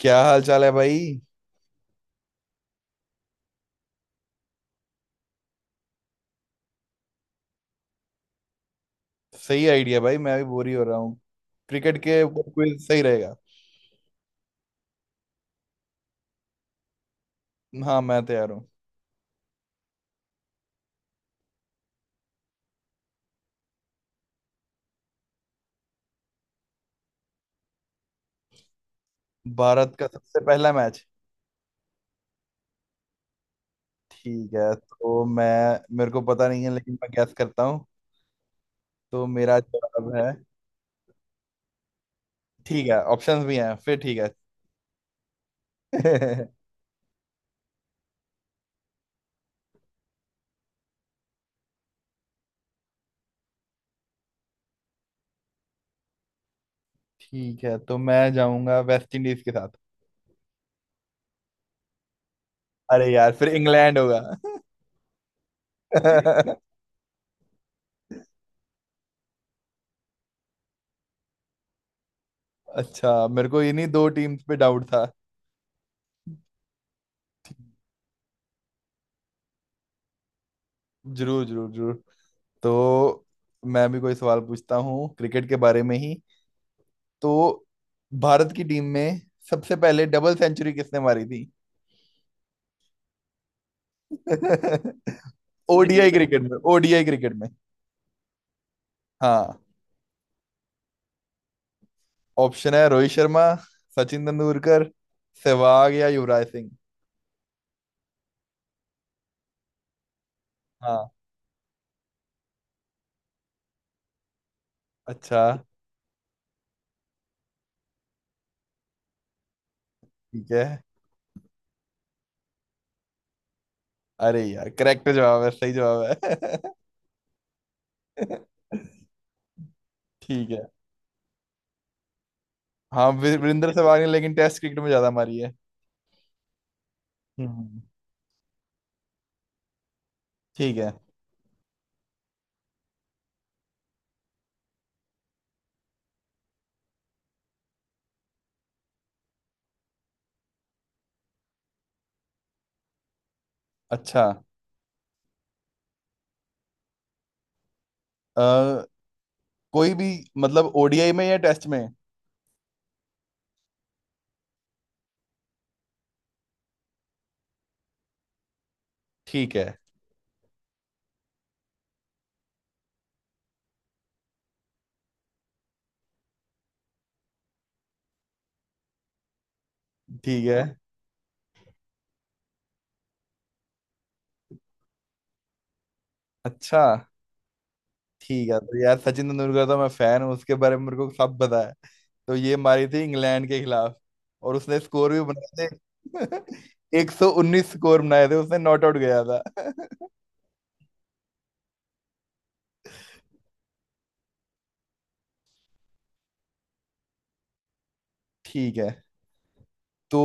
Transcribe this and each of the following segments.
क्या हाल चाल है भाई। सही आइडिया भाई, मैं भी बोर ही हो रहा हूँ। क्रिकेट के ऊपर क्विज सही रहेगा। हाँ, मैं तैयार हूँ। भारत का सबसे पहला मैच। ठीक है। तो मैं मेरे को पता नहीं है, लेकिन मैं गैस करता हूँ। तो मेरा जवाब है। ठीक है, ऑप्शंस भी हैं फिर। ठीक है। ठीक है, तो मैं जाऊंगा वेस्ट इंडीज के साथ। अरे यार, फिर इंग्लैंड होगा। अच्छा, मेरे को इन्हीं दो टीम्स पे डाउट था। जरूर जरूर जरूर। तो मैं भी कोई सवाल पूछता हूँ क्रिकेट के बारे में ही। तो भारत की टीम में सबसे पहले डबल सेंचुरी किसने मारी थी? किसने? ओडीआई मारी, क्रिकेट में, ओडीआई क्रिकेट में। हाँ। ऑप्शन है रोहित शर्मा, सचिन तेंदुलकर, सहवाग या युवराज सिंह। हाँ। अच्छा। ठीक है। अरे यार, करेक्ट जवाब है, सही जवाब है। ठीक है। हाँ, वीरेंद्र सहवाग ने, लेकिन टेस्ट क्रिकेट में ज्यादा मारी है। हम्म। ठीक है। अच्छा। अ, कोई भी, मतलब ओडीआई में या टेस्ट में? ठीक है। ठीक है। अच्छा। ठीक है, तो यार सचिन तेंदुलकर तो मैं फैन हूँ, उसके बारे में मेरे को सब पता है। तो ये मारी थी इंग्लैंड के खिलाफ। और उसने स्कोर भी बनाए थे। 119 स्कोर बनाए थे उसने, नॉट आउट गया था। ठीक है। तो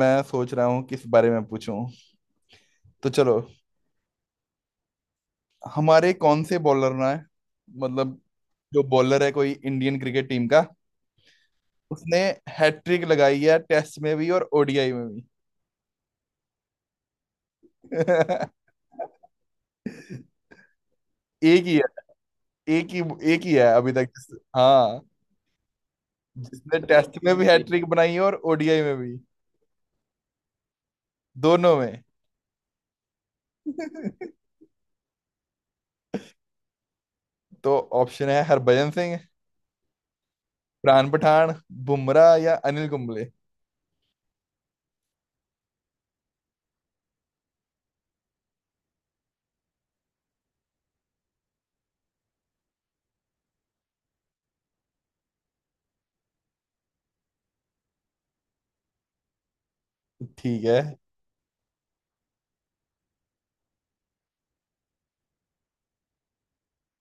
मैं सोच रहा हूँ किस बारे में पूछूं। तो चलो, हमारे कौन से बॉलर ना है, मतलब जो बॉलर है कोई इंडियन क्रिकेट टीम का, उसने हैट्रिक लगाई है टेस्ट में भी और ओडीआई में भी। एक ही है। एक ही एक ही है अभी तक। हाँ। जिसने टेस्ट में भी हैट्रिक बनाई है और ओडीआई में भी। दोनों में। तो ऑप्शन है हरभजन सिंह, प्राण पठान, बुमराह या अनिल कुंबले। ठीक है।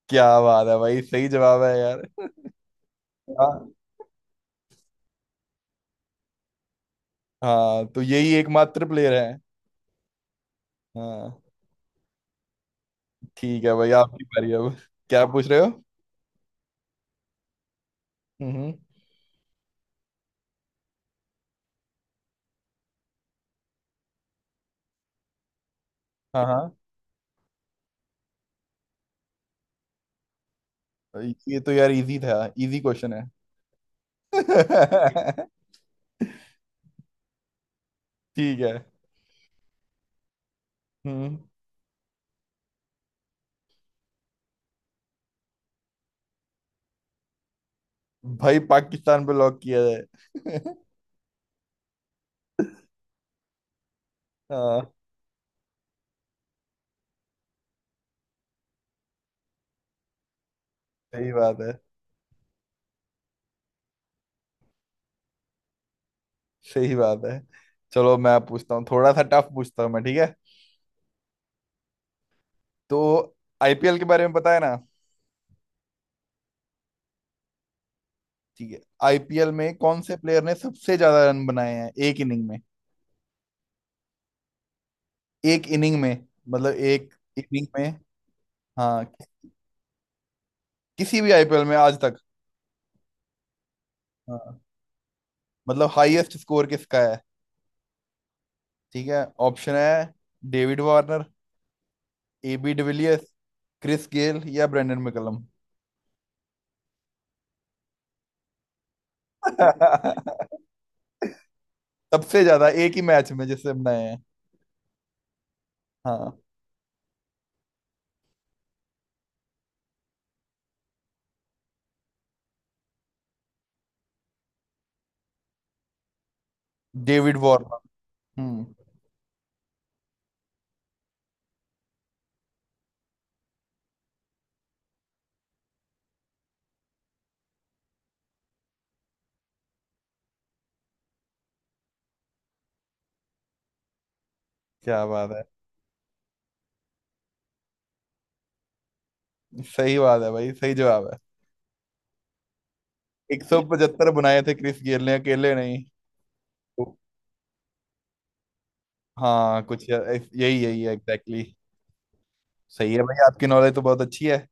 क्या बात है भाई, सही जवाब है यार। हाँ। हाँ, तो यही एकमात्र प्लेयर है। हाँ। ठीक है भाई, आपकी बारी अब। क्या पूछ रहे हो? हम्म। हाँ। हाँ, ये तो यार इजी था, इजी क्वेश्चन है। ठीक है। हम्म। भाई, पाकिस्तान पे लॉक किया जाए। हाँ। सही बात है। सही बात है। चलो, मैं पूछता हूँ, थोड़ा सा टफ पूछता हूँ मैं, ठीक है। तो आईपीएल के बारे में पता है ना? ठीक है, आईपीएल में कौन से प्लेयर ने सबसे ज्यादा रन बनाए हैं एक इनिंग में? एक इनिंग में, मतलब एक इनिंग में। हाँ, किसी भी आईपीएल में आज तक। हाँ, मतलब हाईएस्ट स्कोर किसका है। ठीक है, ऑप्शन है David Warner, AB de Villiers, Chris Gayle या ब्रेंडन मैकलम। सबसे ज्यादा एक ही मैच में जिससे बनाए हैं। हाँ। David Warner. हम्म। क्या बात है, सही बात है भाई, सही जवाब है। 175 बुनाए थे क्रिस गेल ने अकेले, नहीं। तो- हाँ कुछ यही यही है, एग्जैक्टली। सही है भाई, आपकी नॉलेज तो बहुत अच्छी है।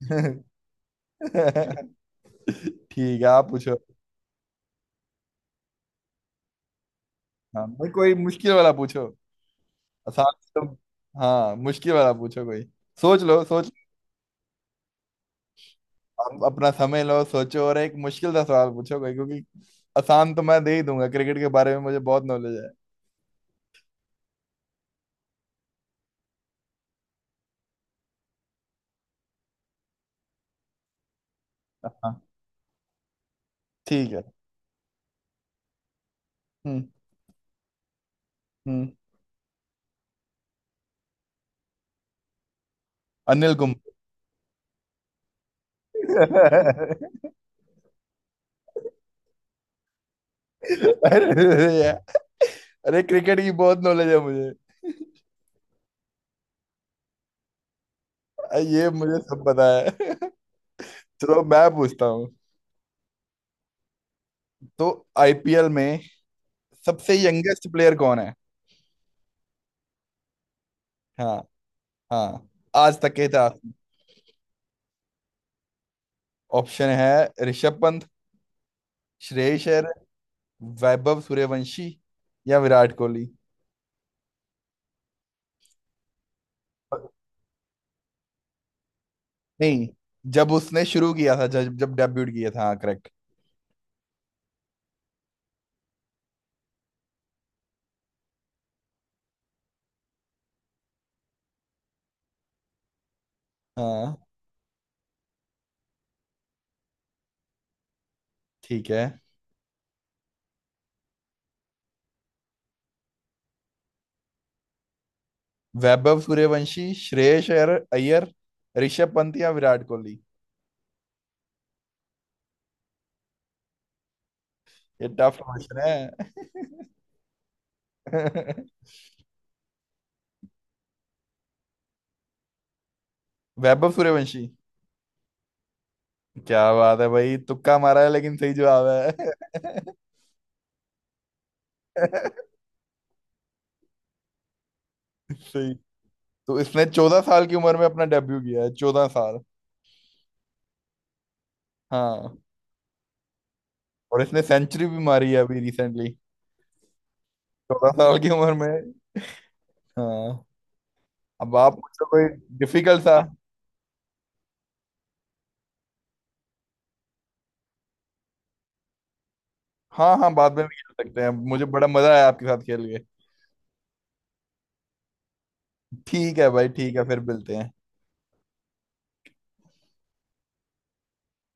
ठीक है, आप पूछो। हाँ भाई, कोई मुश्किल वाला पूछो। आसान तो। हाँ, मुश्किल वाला पूछो कोई। सोच लो, सोच। आप अपना समय लो, सोचो, और एक मुश्किल सा सवाल पूछो कोई, क्योंकि आसान तो मैं दे ही दूंगा, क्रिकेट के बारे में मुझे बहुत नॉलेज है। हाँ। ठीक है। हम्म। हम्म। अनिल कुंबले। अरे। अरे, क्रिकेट की बहुत नॉलेज है मुझे। ये मुझे सब पता है। चलो, मैं पूछता हूँ। तो आईपीएल में सबसे यंगेस्ट प्लेयर कौन है? हाँ। हाँ, आज तक के इतिहास। ऑप्शन है ऋषभ पंत, श्रेयस अय्यर, वैभव सूर्यवंशी या विराट कोहली। नहीं, जब उसने शुरू किया था, जब जब डेब्यूट किया था, हाँ करेक्ट। हाँ। ठीक है। वैभव सूर्यवंशी, श्रेयस अय्यर अय्यर, ऋषभ पंत या विराट कोहली। ये टफ क्वेश्चन है। वैभव सूर्यवंशी। क्या बात है भाई, तुक्का मारा है लेकिन सही जवाब है। सही। तो इसने 14 साल की उम्र में अपना डेब्यू किया है, 14 साल। हाँ। और इसने सेंचुरी भी मारी है अभी रिसेंटली, 14 साल की उम्र में। हाँ। अब आप मुझसे कोई डिफिकल्ट सा। हाँ हाँ, बाद में भी खेल सकते हैं, मुझे बड़ा मजा आया आपके साथ खेल के। ठीक है भाई, ठीक है, फिर मिलते हैं।